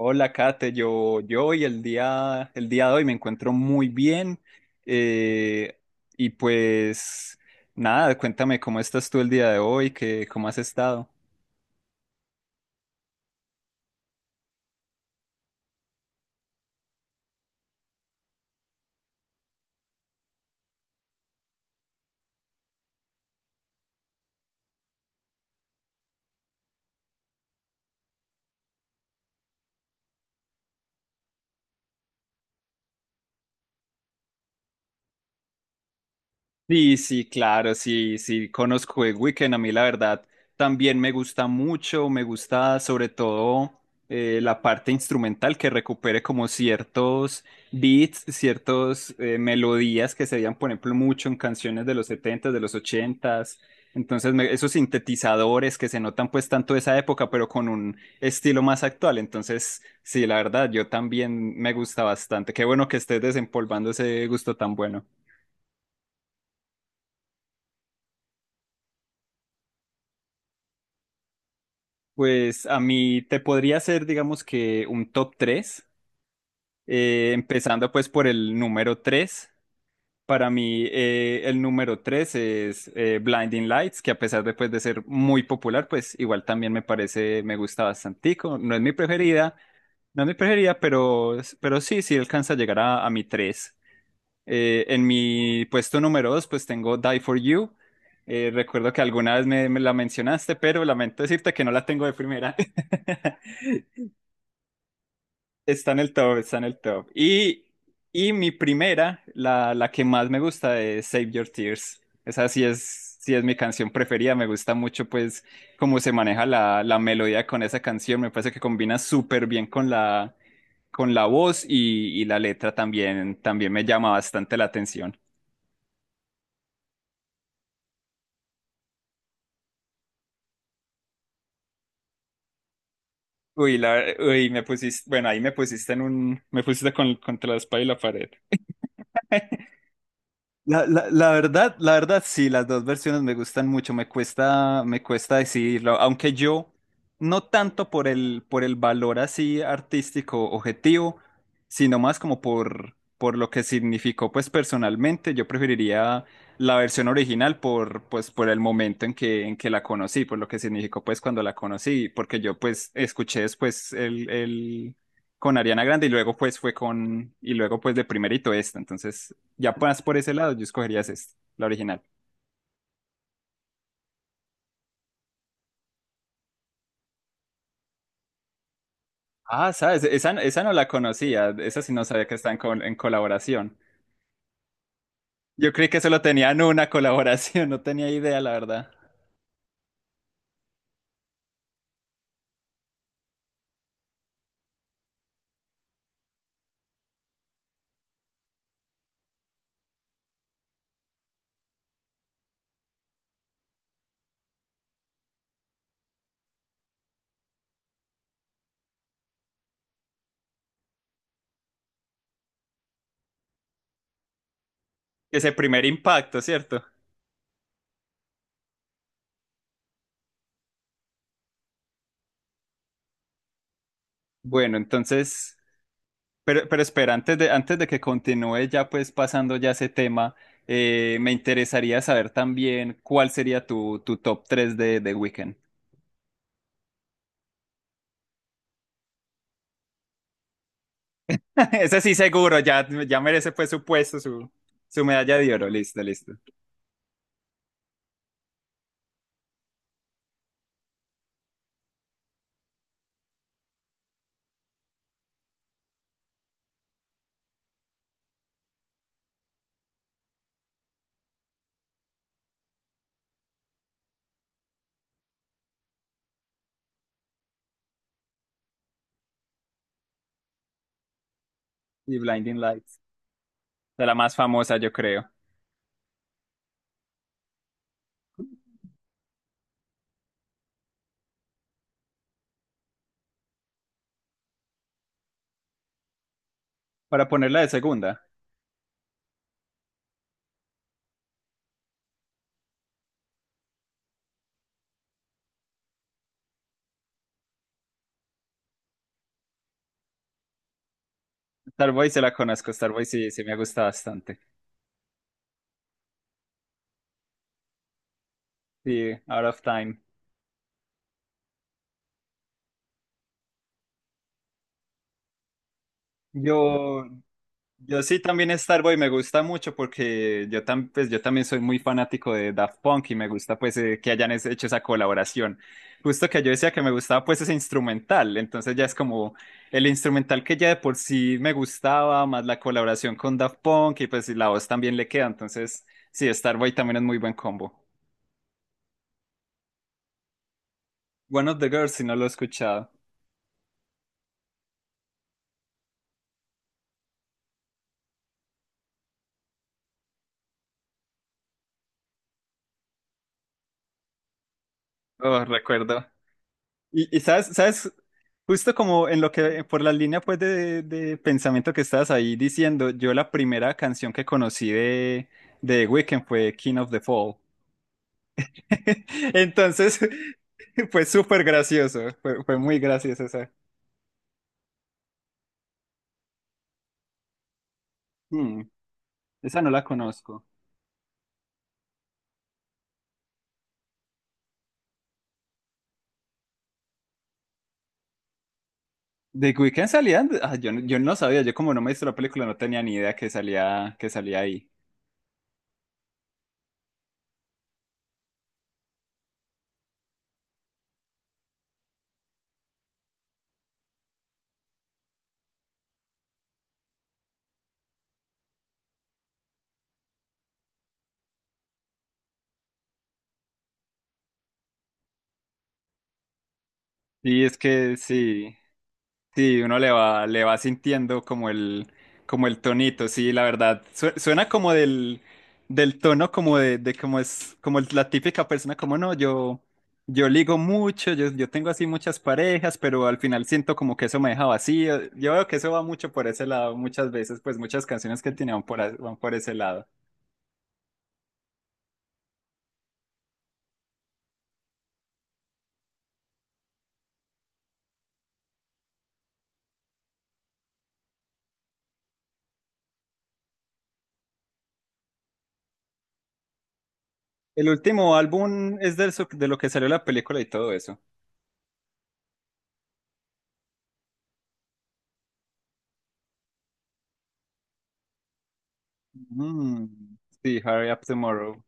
Hola, Kate. Yo hoy el día de hoy me encuentro muy bien. eh, y pues nada, cuéntame cómo estás tú el día de hoy, que, cómo has estado. Sí, sí, claro, sí, sí, conozco el Weekend. A mí, la verdad, también me gusta mucho. Me gusta, sobre todo, la parte instrumental que recupere como ciertos beats, ciertas melodías que se veían, por ejemplo, mucho en canciones de los setentas, de los ochentas. Entonces, esos sintetizadores que se notan, pues, tanto de esa época, pero con un estilo más actual. Entonces, sí, la verdad, yo también me gusta bastante. Qué bueno que estés desempolvando ese gusto tan bueno. Pues a mí te podría hacer, digamos que un top 3, empezando pues por el número 3. Para mí el número 3 es Blinding Lights, que a pesar de, pues, de ser muy popular, pues igual también me parece, me gusta bastantico. No es mi preferida, no es mi preferida, pero sí, sí alcanza a llegar a mi 3. En mi puesto número 2 pues tengo Die For You. Recuerdo que alguna vez me la mencionaste, pero lamento decirte que no la tengo de primera. Está en el top, está en el top. Y mi primera, la que más me gusta es Save Your Tears. Esa sí es mi canción preferida. Me gusta mucho, pues, cómo se maneja la melodía con esa canción. Me parece que combina súper bien con con la voz y la letra también, también me llama bastante la atención. Uy, la, uy, me pusiste, bueno, ahí me pusiste en un, me pusiste con, contra la espalda y la pared. La verdad, sí, las dos versiones me gustan mucho, me cuesta decidirlo, aunque yo no tanto por el valor así artístico objetivo, sino más como por lo que significó pues personalmente, yo preferiría la versión original por, pues, por el momento en que la conocí, por lo que significó pues cuando la conocí, porque yo pues escuché después con Ariana Grande y luego pues fue con, y luego pues de primerito esta, entonces... Ya pues por ese lado, yo escogería esta, la original. Ah, sabes, esa no la conocía, esa sí no sabía que en colaboración. Yo creí que solo tenían una colaboración, no tenía idea, la verdad. Ese primer impacto, ¿cierto? Bueno, entonces, pero espera, antes de que continúe ya pues pasando ya ese tema, me interesaría saber también cuál sería tu top 3 de Weekend. Ese sí seguro, ya, ya merece pues su puesto, su medalla de oro, listo, listo. Y Blinding Lights. De la más famosa, yo creo. Para ponerla de segunda, Starboy se la conozco, Starboy sí, sí me gusta bastante. Sí, Out of Time. Yo, yo sí también Starboy me gusta mucho porque yo, pues, yo también soy muy fanático de Daft Punk y me gusta pues que hayan hecho esa colaboración. Justo que yo decía que me gustaba pues ese instrumental, entonces ya es como el instrumental que ya de por sí me gustaba, más la colaboración con Daft Punk y pues la voz también le queda, entonces sí, Starboy también es muy buen combo. One of the Girls, si no lo he escuchado. Oh, recuerdo. Y sabes, sabes, justo como en lo que, por la línea pues de pensamiento que estabas ahí diciendo, yo la primera canción que conocí de The Weeknd fue King of the Fall. Entonces, fue súper gracioso, fue, fue muy gracioso esa. Hmm, esa no la conozco. The Weeknd salía, ah, yo, yo no sabía, yo como no me hice la película no tenía ni idea que salía ahí. Y es que sí. Sí, uno le va sintiendo como el tonito, sí, la verdad. Suena como del, del tono como de como es la típica persona, como no, yo ligo mucho, yo tengo así muchas parejas, pero al final siento como que eso me deja vacío. Yo veo que eso va mucho por ese lado, muchas veces, pues muchas canciones que tiene van por, van por ese lado. El último álbum es del, de lo que salió la película y todo eso. Mm, sí, Hurry Up Tomorrow.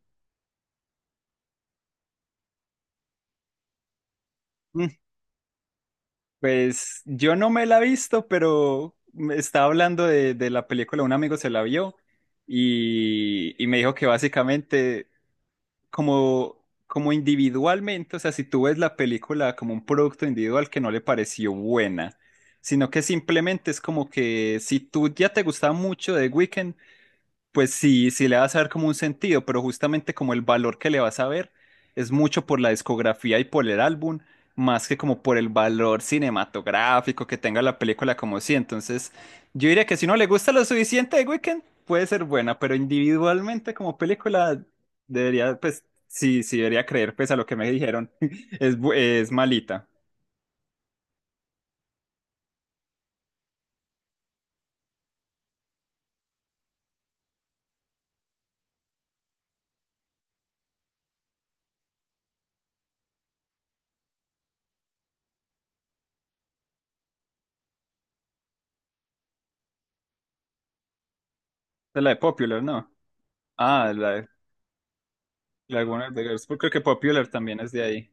Pues yo no me la he visto, pero me estaba hablando de la película, un amigo se la vio y me dijo que básicamente como, como individualmente, o sea, si tú ves la película como un producto individual que no le pareció buena, sino que simplemente es como que si tú ya te gustaba mucho de Weekend pues sí, sí le vas a dar como un sentido, pero justamente como el valor que le vas a ver es mucho por la discografía y por el álbum, más que como por el valor cinematográfico que tenga la película como sí. Entonces, yo diría que si no le gusta lo suficiente de Weekend, puede ser buena, pero individualmente como película debería, pues sí, sí debería creer, pues a lo que me dijeron, es malita. Es la de Popular, ¿no? Ah, la de Warner Brothers. Creo que Popular también es de ahí.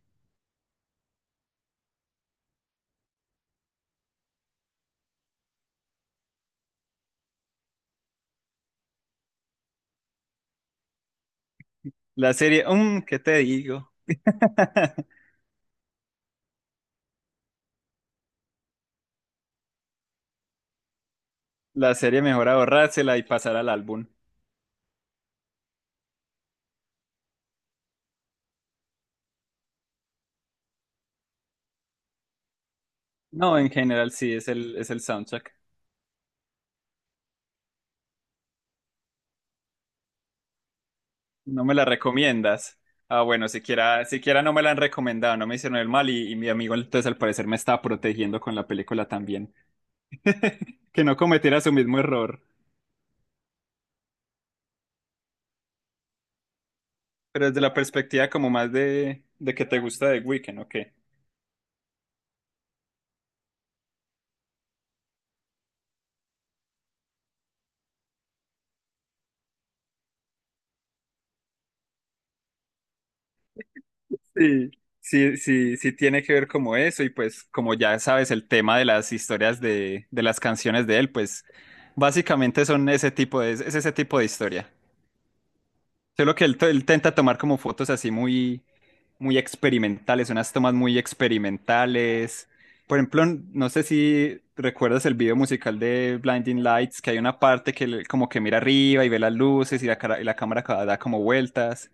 La serie, ¿qué te digo? La serie mejor ahorrársela y pasar al álbum. No, en general sí, es el soundtrack. ¿No me la recomiendas? Ah, bueno, siquiera, siquiera no me la han recomendado, no me hicieron el mal y mi amigo entonces al parecer me estaba protegiendo con la película también. Que no cometiera su mismo error. Pero desde la perspectiva como más de que te gusta The Weeknd, ¿o qué? Sí, sí, sí, sí tiene que ver como eso y pues como ya sabes el tema de las historias de las canciones de él, pues básicamente son ese tipo de, es ese tipo de historia. Solo que él, él tenta tomar como fotos así muy, muy experimentales, unas tomas muy experimentales. Por ejemplo, no sé si recuerdas el video musical de Blinding Lights, que hay una parte que él como que mira arriba y ve las luces y y la cámara da como vueltas.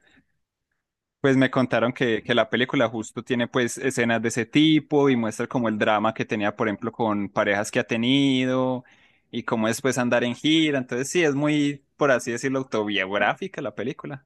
Pues me contaron que la película justo tiene pues escenas de ese tipo y muestra como el drama que tenía, por ejemplo, con parejas que ha tenido y cómo es pues andar en gira. Entonces sí, es muy, por así decirlo, autobiográfica la película.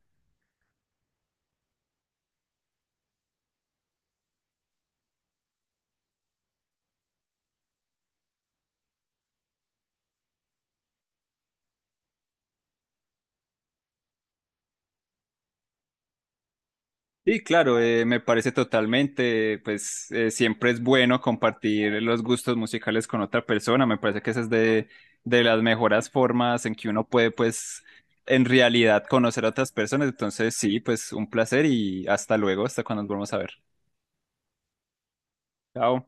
Sí, claro, me parece totalmente, pues siempre es bueno compartir los gustos musicales con otra persona, me parece que esa es de las mejores formas en que uno puede, pues, en realidad conocer a otras personas, entonces sí, pues un placer y hasta luego, hasta cuando nos volvamos a ver. Chao.